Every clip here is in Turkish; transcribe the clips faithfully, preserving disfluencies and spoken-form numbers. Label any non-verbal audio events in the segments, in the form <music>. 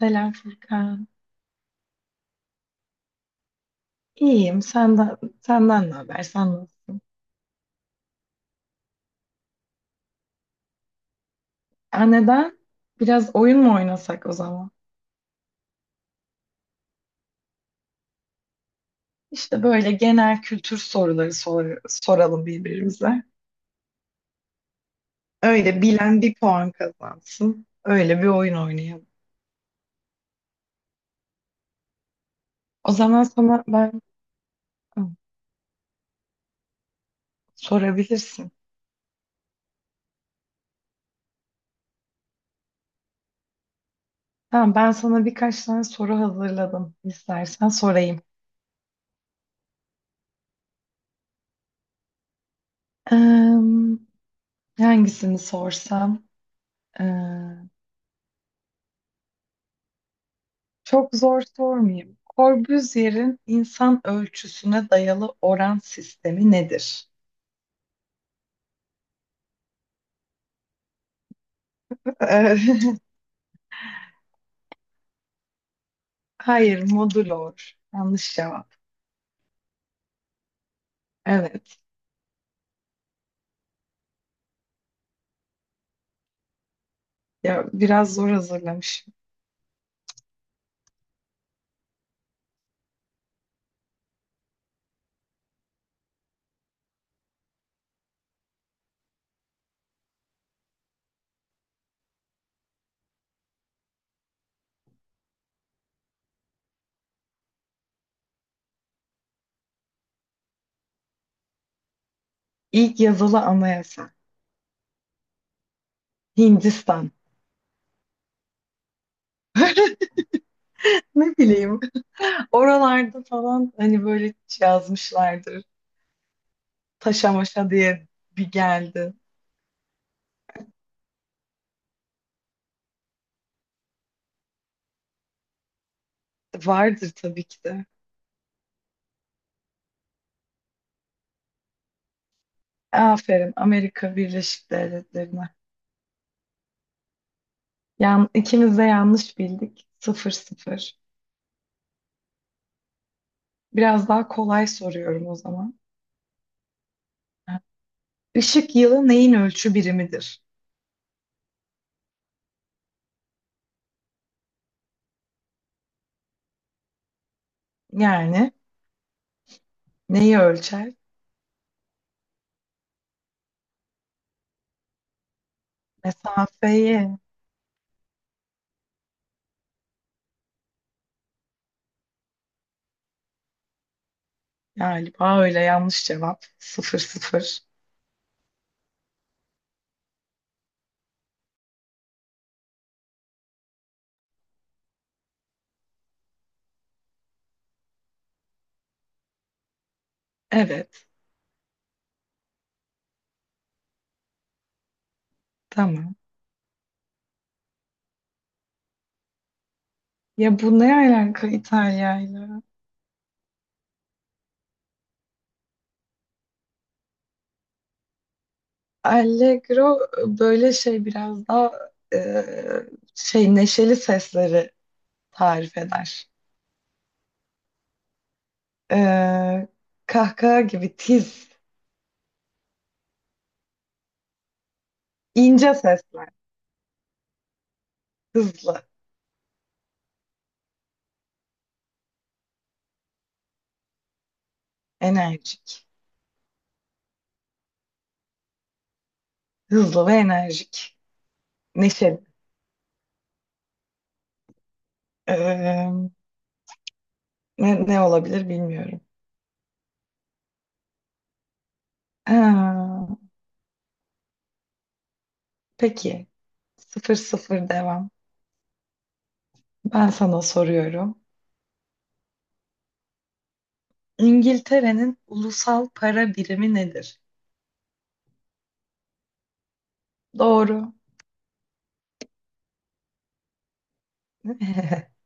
Selam Furkan. İyiyim. Senden, senden ne haber? Sen nasılsın? Aa, neden? Biraz oyun mu oynasak o zaman? İşte böyle genel kültür soruları sor- soralım birbirimize. Öyle bilen bir puan kazansın. Öyle bir oyun oynayalım. O zaman sana ben Hı, sorabilirsin. Tamam, ben sana birkaç tane soru hazırladım. İstersen sorayım. Eee, hangisini sorsam? Çok zor sormayayım. Corbusier'in insan ölçüsüne dayalı oran sistemi nedir? Ee, <laughs> Hayır, modulor. Yanlış cevap. Evet. Ya biraz zor hazırlamışım. İlk yazılı anayasa. Hindistan. <laughs> Ne bileyim. Oralarda falan hani böyle yazmışlardır. Taşa maşa diye bir geldi. Vardır tabii ki de. Aferin Amerika Birleşik Devletleri'ne. Yan, ikimiz de yanlış bildik. Sıfır sıfır. Biraz daha kolay soruyorum o zaman. Işık yılı neyin ölçü birimidir? Yani neyi ölçer? Mesafeyi. Galiba öyle yanlış cevap. Sıfır sıfır. Evet. Tamam. Ya bu ne alaka İtalya'yla? Allegro böyle şey biraz daha e, şey neşeli sesleri tarif eder. E, kahkaha gibi tiz, ince sesler. Hızlı, enerjik. Hızlı ve enerjik. Neşeli. Ee, ne, ne olabilir bilmiyorum. Ha, peki. Sıfır sıfır devam. Ben sana soruyorum. İngiltere'nin ulusal para birimi nedir? Doğru. <laughs>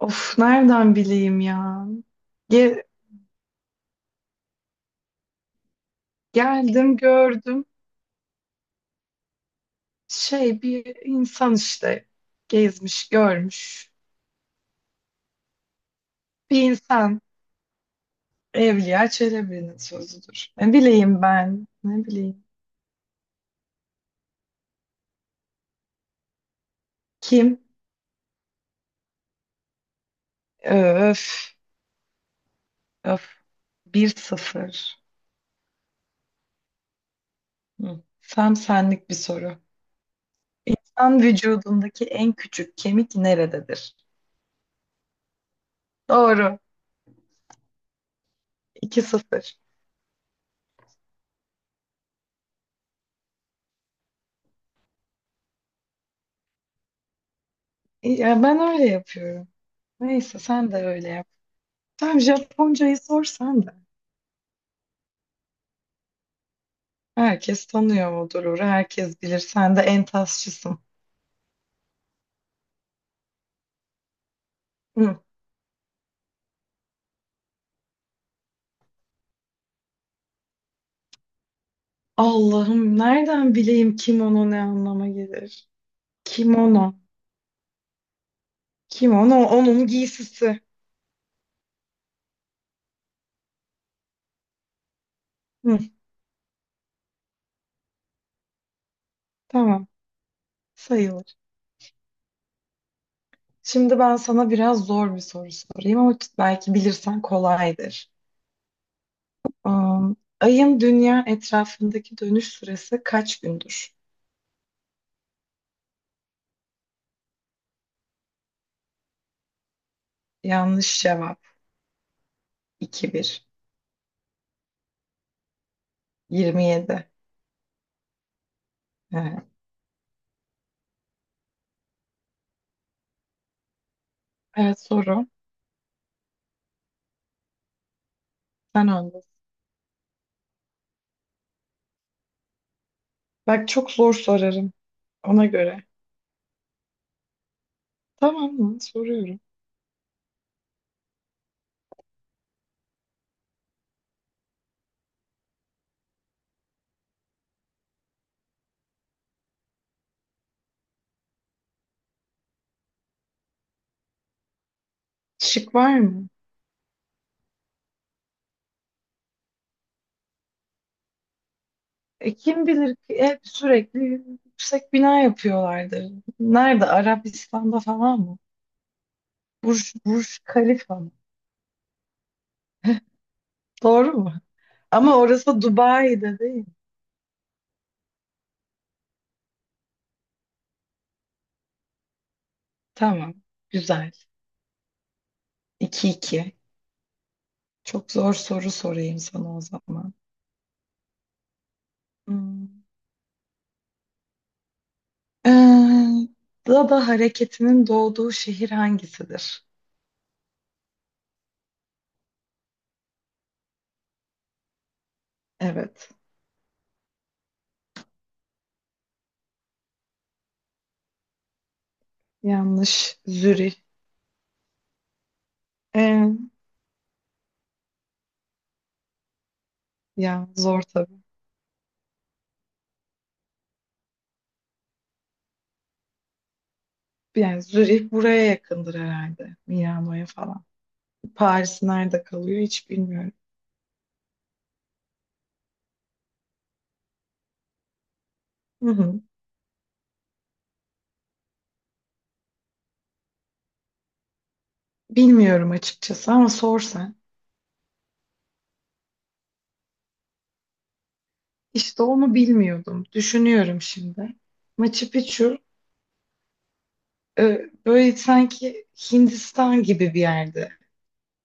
Of nereden bileyim ya? Ge- geldim gördüm. Şey bir insan işte gezmiş görmüş. Bir insan Evliya Çelebi'nin sözüdür. Ne bileyim ben. Ne bileyim. Kim? Öf. Öf. bir sıfır. Hı. Tam senlik bir soru. İnsan vücudundaki en küçük kemik nerededir? Doğru. iki sıfır. E, Ya ben öyle yapıyorum. Neyse sen de öyle yap. Tam Japoncayı sorsan da. Herkes tanıyor Odurur'u. Herkes bilir. Sen de en Hı. Allah'ım nereden bileyim kimono ne anlama gelir? Kimono. Kimono onun giysisi. Hı, tamam sayılır. Şimdi ben sana biraz zor bir soru sorayım ama belki bilirsen kolaydır. Am, ayın dünya etrafındaki dönüş süresi kaç gündür? Yanlış cevap. iki bir. yirmi yedi. Evet, evet soru. Sen öndesin. Bak çok zor sorarım ona göre. Tamam mı? Soruyorum. Şık var mı? E, kim bilir ki hep sürekli yüksek bina yapıyorlardır. Nerede? Arabistan'da falan mı? Burj, Burj Khalifa mı? Doğru mu? Ama orası Dubai'de değil mi? Tamam. Güzel. iki iki. Çok zor soru sorayım sana o zaman. Hmm. Ee, Dada hareketinin doğduğu şehir hangisidir? Evet. Yanlış. Zürih. Ee, ya zor tabii. Yani Zürih buraya yakındır herhalde. Milano'ya falan. Paris nerede kalıyor hiç bilmiyorum. Hı hı. Bilmiyorum açıkçası ama sor sen. İşte onu bilmiyordum. Düşünüyorum şimdi. Machu Picchu e, böyle sanki Hindistan gibi bir yerde.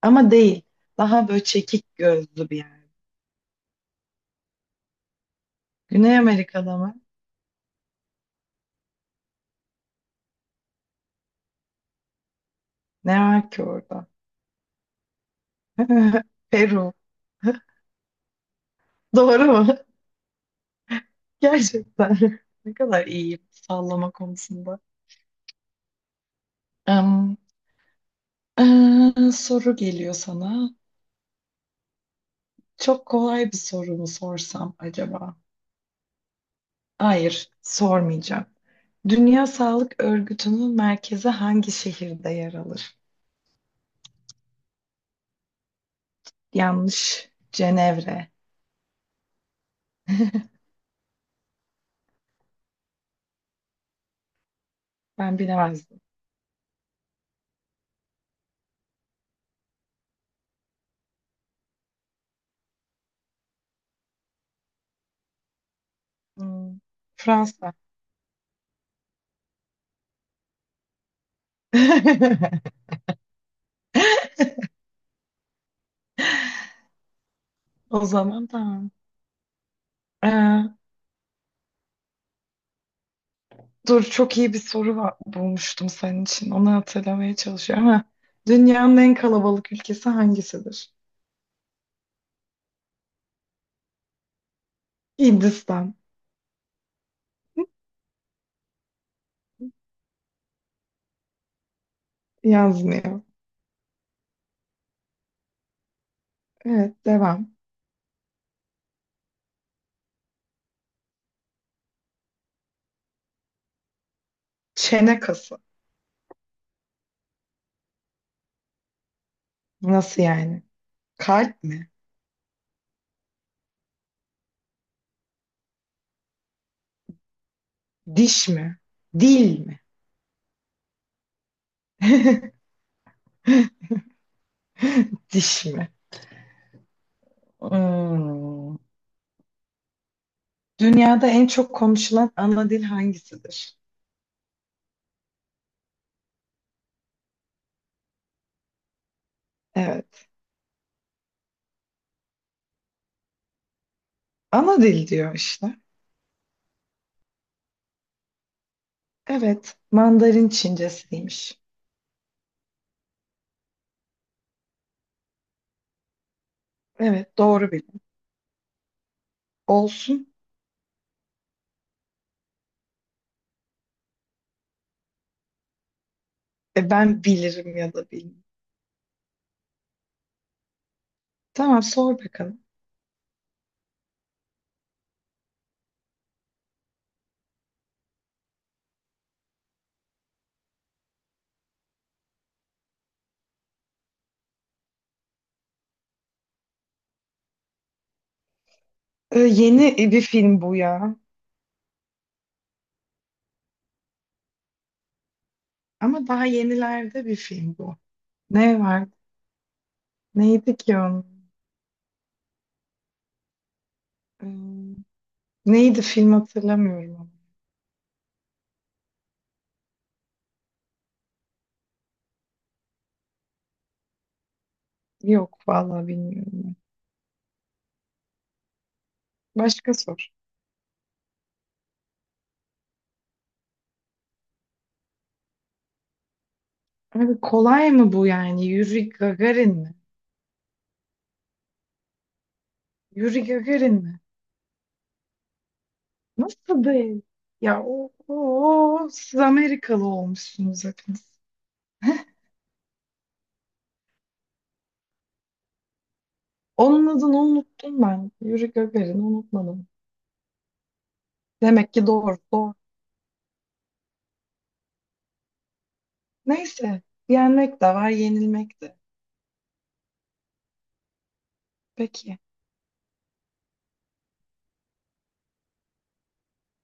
Ama değil. Daha böyle çekik gözlü bir yer. Güney Amerika'da mı? Ne var ki orada? <laughs> Peru. <laughs> Doğru mu? Gerçekten. <laughs> Ne kadar iyiyim sallama konusunda. Em, eee, soru geliyor sana. Çok kolay bir soru mu sorsam acaba? Hayır, sormayacağım. Dünya Sağlık Örgütü'nün merkezi hangi şehirde yer alır? Yanlış. Cenevre. Ben bilemezdim. Hmm, Fransa. <laughs> O zaman tamam. Ee, dur çok iyi bir soru var, bulmuştum senin için. Onu hatırlamaya çalışıyorum. Ha, dünyanın en kalabalık ülkesi hangisidir? Hindistan. Yazmıyor. Evet devam. Çene kası. Nasıl yani? Kalp mi? Diş mi? Dil mi? <laughs> Diş mi? Hmm. Dünyada en çok konuşulan ana dil hangisidir? Evet. Ana dil diyor işte. Evet. Mandarin Çincesiymiş. Evet. Doğru bilin. Olsun. E, ben bilirim ya da bilmem. Tamam sor bakalım. E, yeni bir film bu ya. Ama daha yenilerde bir film bu. Ne var? Neydi ki onun? E, neydi film hatırlamıyorum ama. Yok vallahi bilmiyorum. Başka sor. Abi kolay mı bu yani? Yuri Gagarin mi? Yuri Gagarin mi? Nasıl değil? Ya o, o- o, siz Amerikalı olmuşsunuz hepiniz. Onun adını unuttum ben. Yuri Gagarin unutmadım. Demek ki doğru, doğru. Neyse. Yenmek de var, yenilmek de. Peki.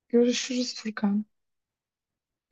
Görüşürüz Furkan.